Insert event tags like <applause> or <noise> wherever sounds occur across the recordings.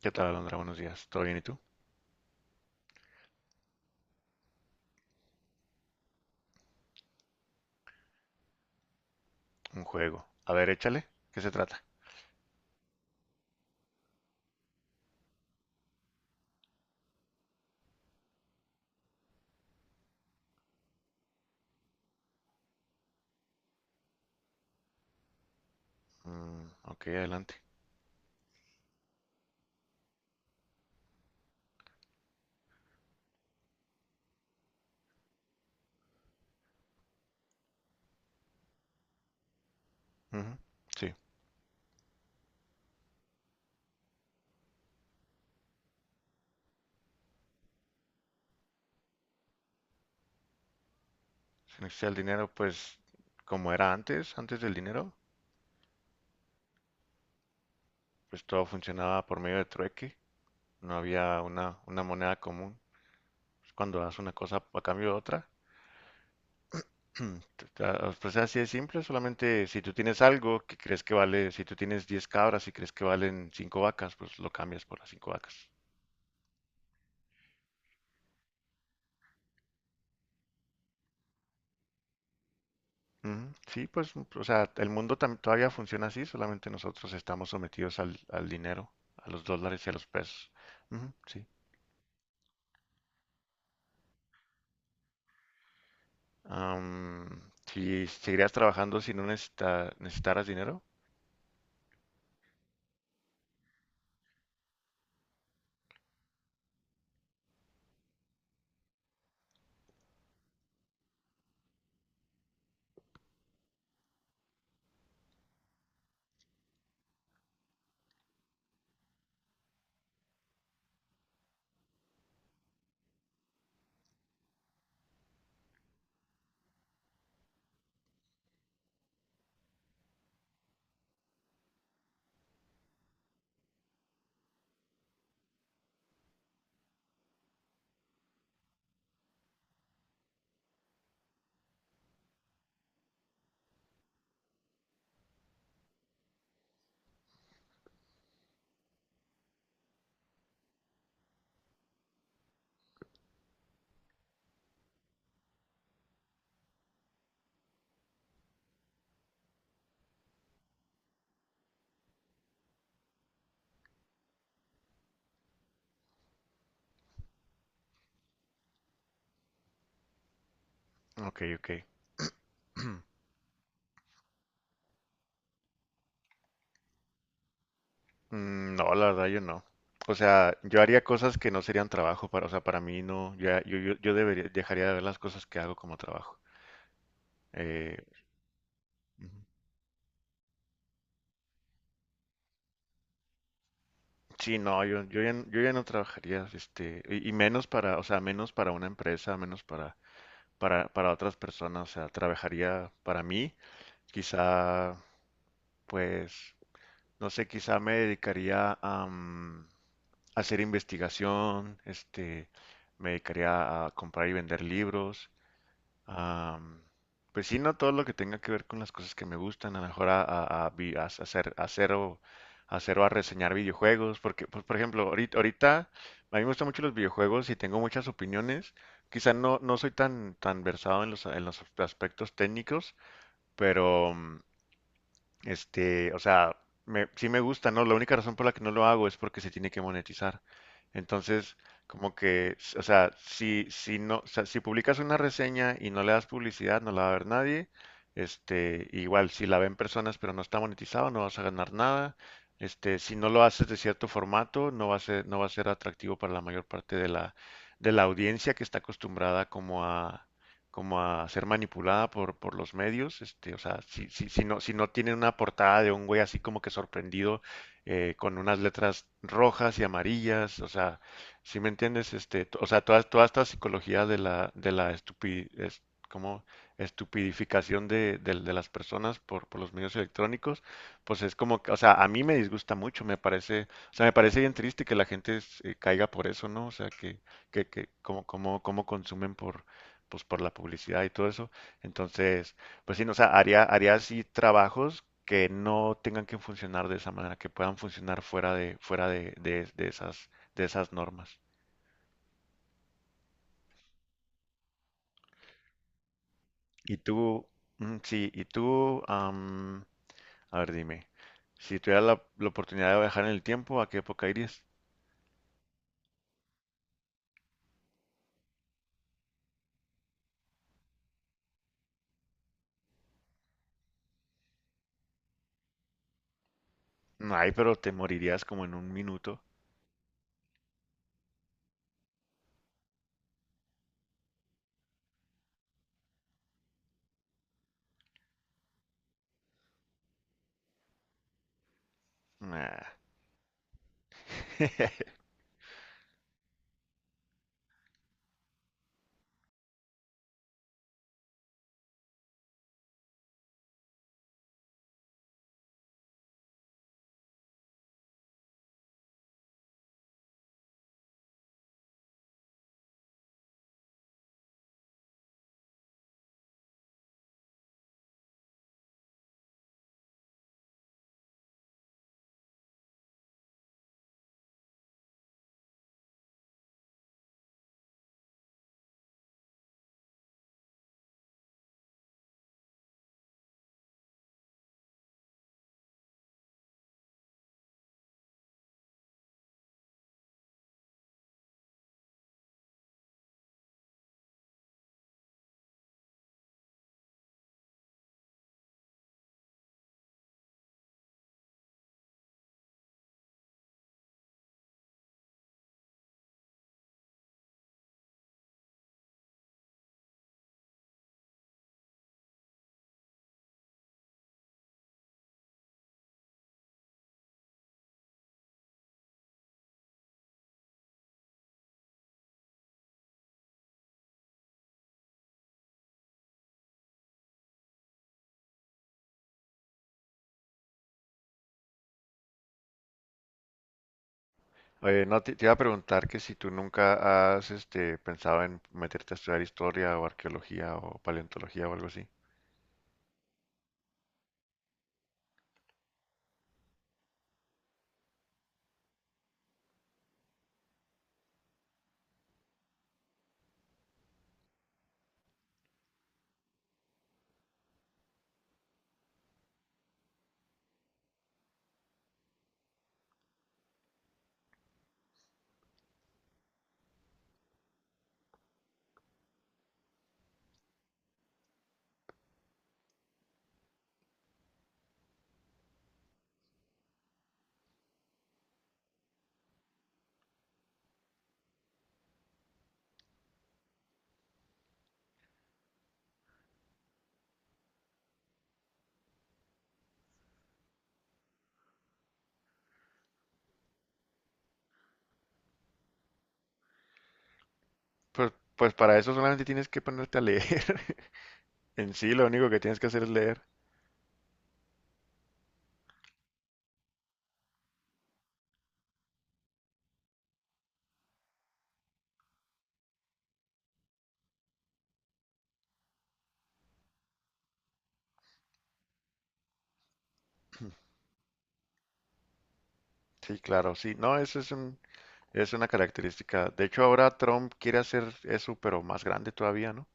¿Qué tal, Alondra? Buenos días. ¿Todo bien y tú? Un juego. A ver, échale. ¿Qué se trata? Ok, adelante. Ujú. Sí. Si no existía el dinero, pues como era antes, antes del dinero, pues todo funcionaba por medio de trueque. No había una moneda común. Pues, cuando das una cosa a cambio de otra, <clears throat> pues así de simple. Solamente si tú tienes algo que crees que vale, si tú tienes 10 cabras y crees que valen 5 vacas, pues lo cambias por las 5 vacas. Ujú. Sí, pues, o sea, el mundo todavía funciona así, solamente nosotros estamos sometidos al dinero, a los dólares y a los pesos. Ujú, sí. Si seguirías trabajando si no necesitaras dinero? Ok, ok. No, la verdad yo no. O sea, yo haría cosas que no serían trabajo para, o sea, para mí no, yo debería, dejaría de ver las cosas que hago como trabajo. Eh, ujú. Sí, no, yo ya no trabajaría, este, y menos para, o sea, menos para una empresa, menos para otras personas, o sea, trabajaría para mí, quizá, pues, no sé, quizá me dedicaría a, hacer investigación, este, me dedicaría a comprar y vender libros. Am, pues sí, no todo lo que tenga que ver con las cosas que me gustan, a lo mejor a vi- a hacer o, a hacer o a reseñar videojuegos, porque, pues, por ejemplo, ahorita a mí me gustan mucho los videojuegos y tengo muchas opiniones. Quizá no, no soy tan versado en en los aspectos técnicos, pero, este, o sea, sí me gusta, ¿no? La única razón por la que no lo hago es porque se tiene que monetizar. Entonces, como que, o sea, o sea, si publicas una reseña y no le das publicidad, no la va a ver nadie. Este, igual, si la ven personas pero no está monetizado, no vas a ganar nada. Este, si no lo haces de cierto formato, no va a ser atractivo para la mayor parte de de la audiencia que está acostumbrada como a ser manipulada por los medios, este, o sea, si no tienen una portada de un güey así como que sorprendido con unas letras rojas y amarillas, o sea, si me entiendes, este, o sea, toda esta psicología de de la estupi- es- como estupidificación de, de las personas por los medios electrónicos, pues es como, o sea, a mí me disgusta mucho, me parece, o sea, me parece bien triste que la gente caiga por eso, ¿no? O sea, que como, como, como consumen por pues por la publicidad y todo eso. Entonces, pues sí, no, o sea, haría así trabajos que no tengan que funcionar de esa manera, que puedan funcionar fuera de, de esas normas. Y tú, y tú, a ver, dime, si tuvieras la oportunidad de viajar en el tiempo, ¿a qué época irías? Ay, pero te morirías como en un minuto. Nah. <laughs> Oye, no, te iba a preguntar que si tú nunca has este, pensado en meterte a estudiar historia o arqueología o paleontología o algo así. Pues para eso solamente tienes que ponerte a leer. <laughs> En sí, lo único que tienes que hacer es leer. <clears throat> Sí, claro, sí. No, eso es es una característica. De hecho, ahora Trump quiere hacer eso, pero más grande todavía, ¿no?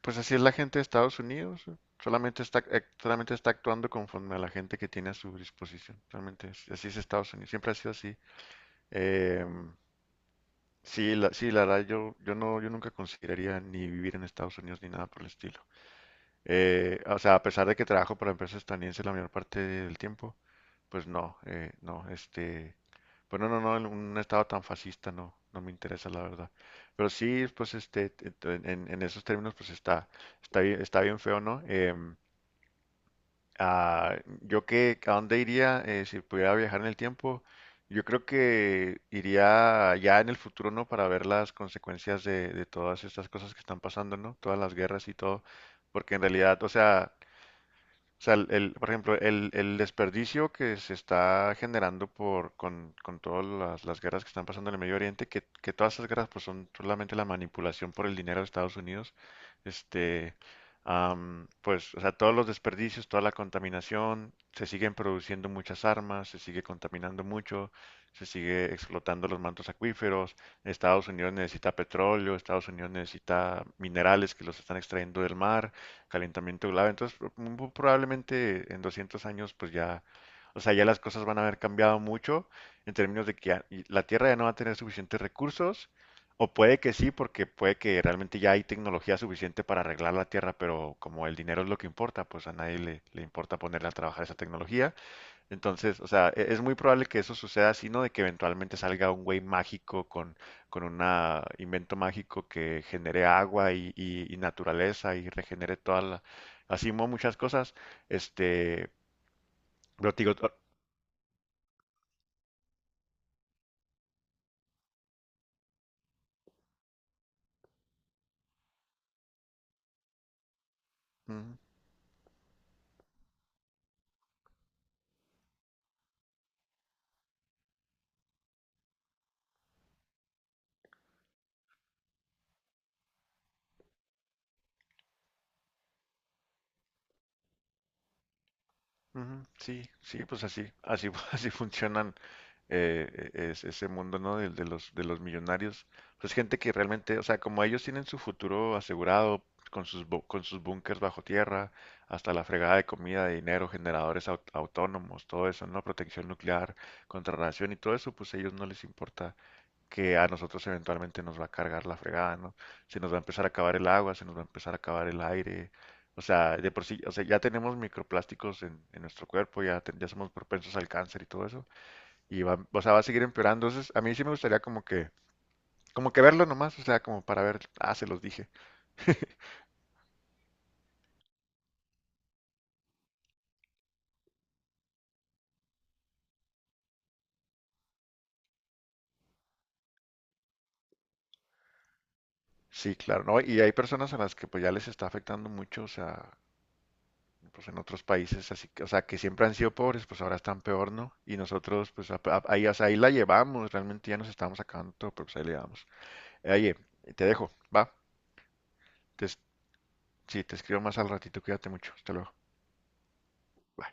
Pues así es la gente de Estados Unidos. ¿No? Solamente solamente está actuando conforme a la gente que tiene a su disposición. Realmente así es Estados Unidos. Siempre ha sido así. Em, Sí, sí, la verdad, yo nunca consideraría ni vivir en Estados Unidos ni nada por el estilo. O sea, a pesar de que trabajo para empresas estadounidenses la mayor parte del tiempo, pues no, no, este, pues no, en un estado tan fascista no, no me interesa la verdad. Pero sí, pues este, en esos términos, pues está bien feo, ¿no? Ah, yo que, ¿a dónde iría si pudiera viajar en el tiempo? Yo creo que iría ya en el futuro, ¿no? Para ver las consecuencias de todas estas cosas que están pasando, ¿no? Todas las guerras y todo. Porque en realidad, por ejemplo, el desperdicio que se está generando por, con todas las guerras que están pasando en el Medio Oriente, que todas esas guerras pues son solamente la manipulación por el dinero de Estados Unidos, este, pues, o sea, todos los desperdicios, toda la contaminación, se siguen produciendo muchas armas, se sigue contaminando mucho, se sigue explotando los mantos acuíferos, Estados Unidos necesita petróleo, Estados Unidos necesita minerales que los están extrayendo del mar, calentamiento global. Entonces, muy probablemente en 200 años, pues ya, o sea, ya las cosas van a haber cambiado mucho en términos de que y la Tierra ya no va a tener suficientes recursos, o puede que sí, porque puede que realmente ya hay tecnología suficiente para arreglar la Tierra, pero como el dinero es lo que importa, pues a nadie le importa ponerle a trabajar esa tecnología. Entonces, o sea, es muy probable que eso suceda, sino de que eventualmente salga un güey mágico con un invento mágico que genere agua y naturaleza y regenere toda la, muchas cosas. Este, pero te digo, ujú, ujú, sí, sí, pues así, <laughs> así funcionan es ese mundo, ¿no? De los millonarios. Pues gente que realmente, o sea, como ellos tienen su futuro asegurado con con sus búnkers bajo tierra, hasta la fregada de comida, de dinero, generadores autónomos, todo eso, ¿no? Protección nuclear, contrarradiación y todo eso, pues a ellos no les importa que a nosotros eventualmente nos va a cargar la fregada, ¿no? Se nos va a empezar a acabar el agua, se nos va a empezar a acabar el aire. O sea, de por sí, o sea, ya tenemos microplásticos en nuestro cuerpo, ya, ya somos propensos al cáncer y todo eso y va, o sea, va a seguir empeorando. Entonces, a mí sí me gustaría como que verlo nomás, o sea, como para ver, ah, se los dije. <laughs> Sí, claro, ¿no? Y hay personas a las que pues ya les está afectando mucho, o sea, pues en otros países, así que, o sea, que siempre han sido pobres, pues ahora están peor, ¿no? Y nosotros, pues ahí, o sea, ahí la llevamos, realmente ya nos estamos acabando todo, pero pues ahí la llevamos. Oye, te dejo, va, te, es- sí, te escribo más al ratito, cuídate mucho, hasta luego. Bye.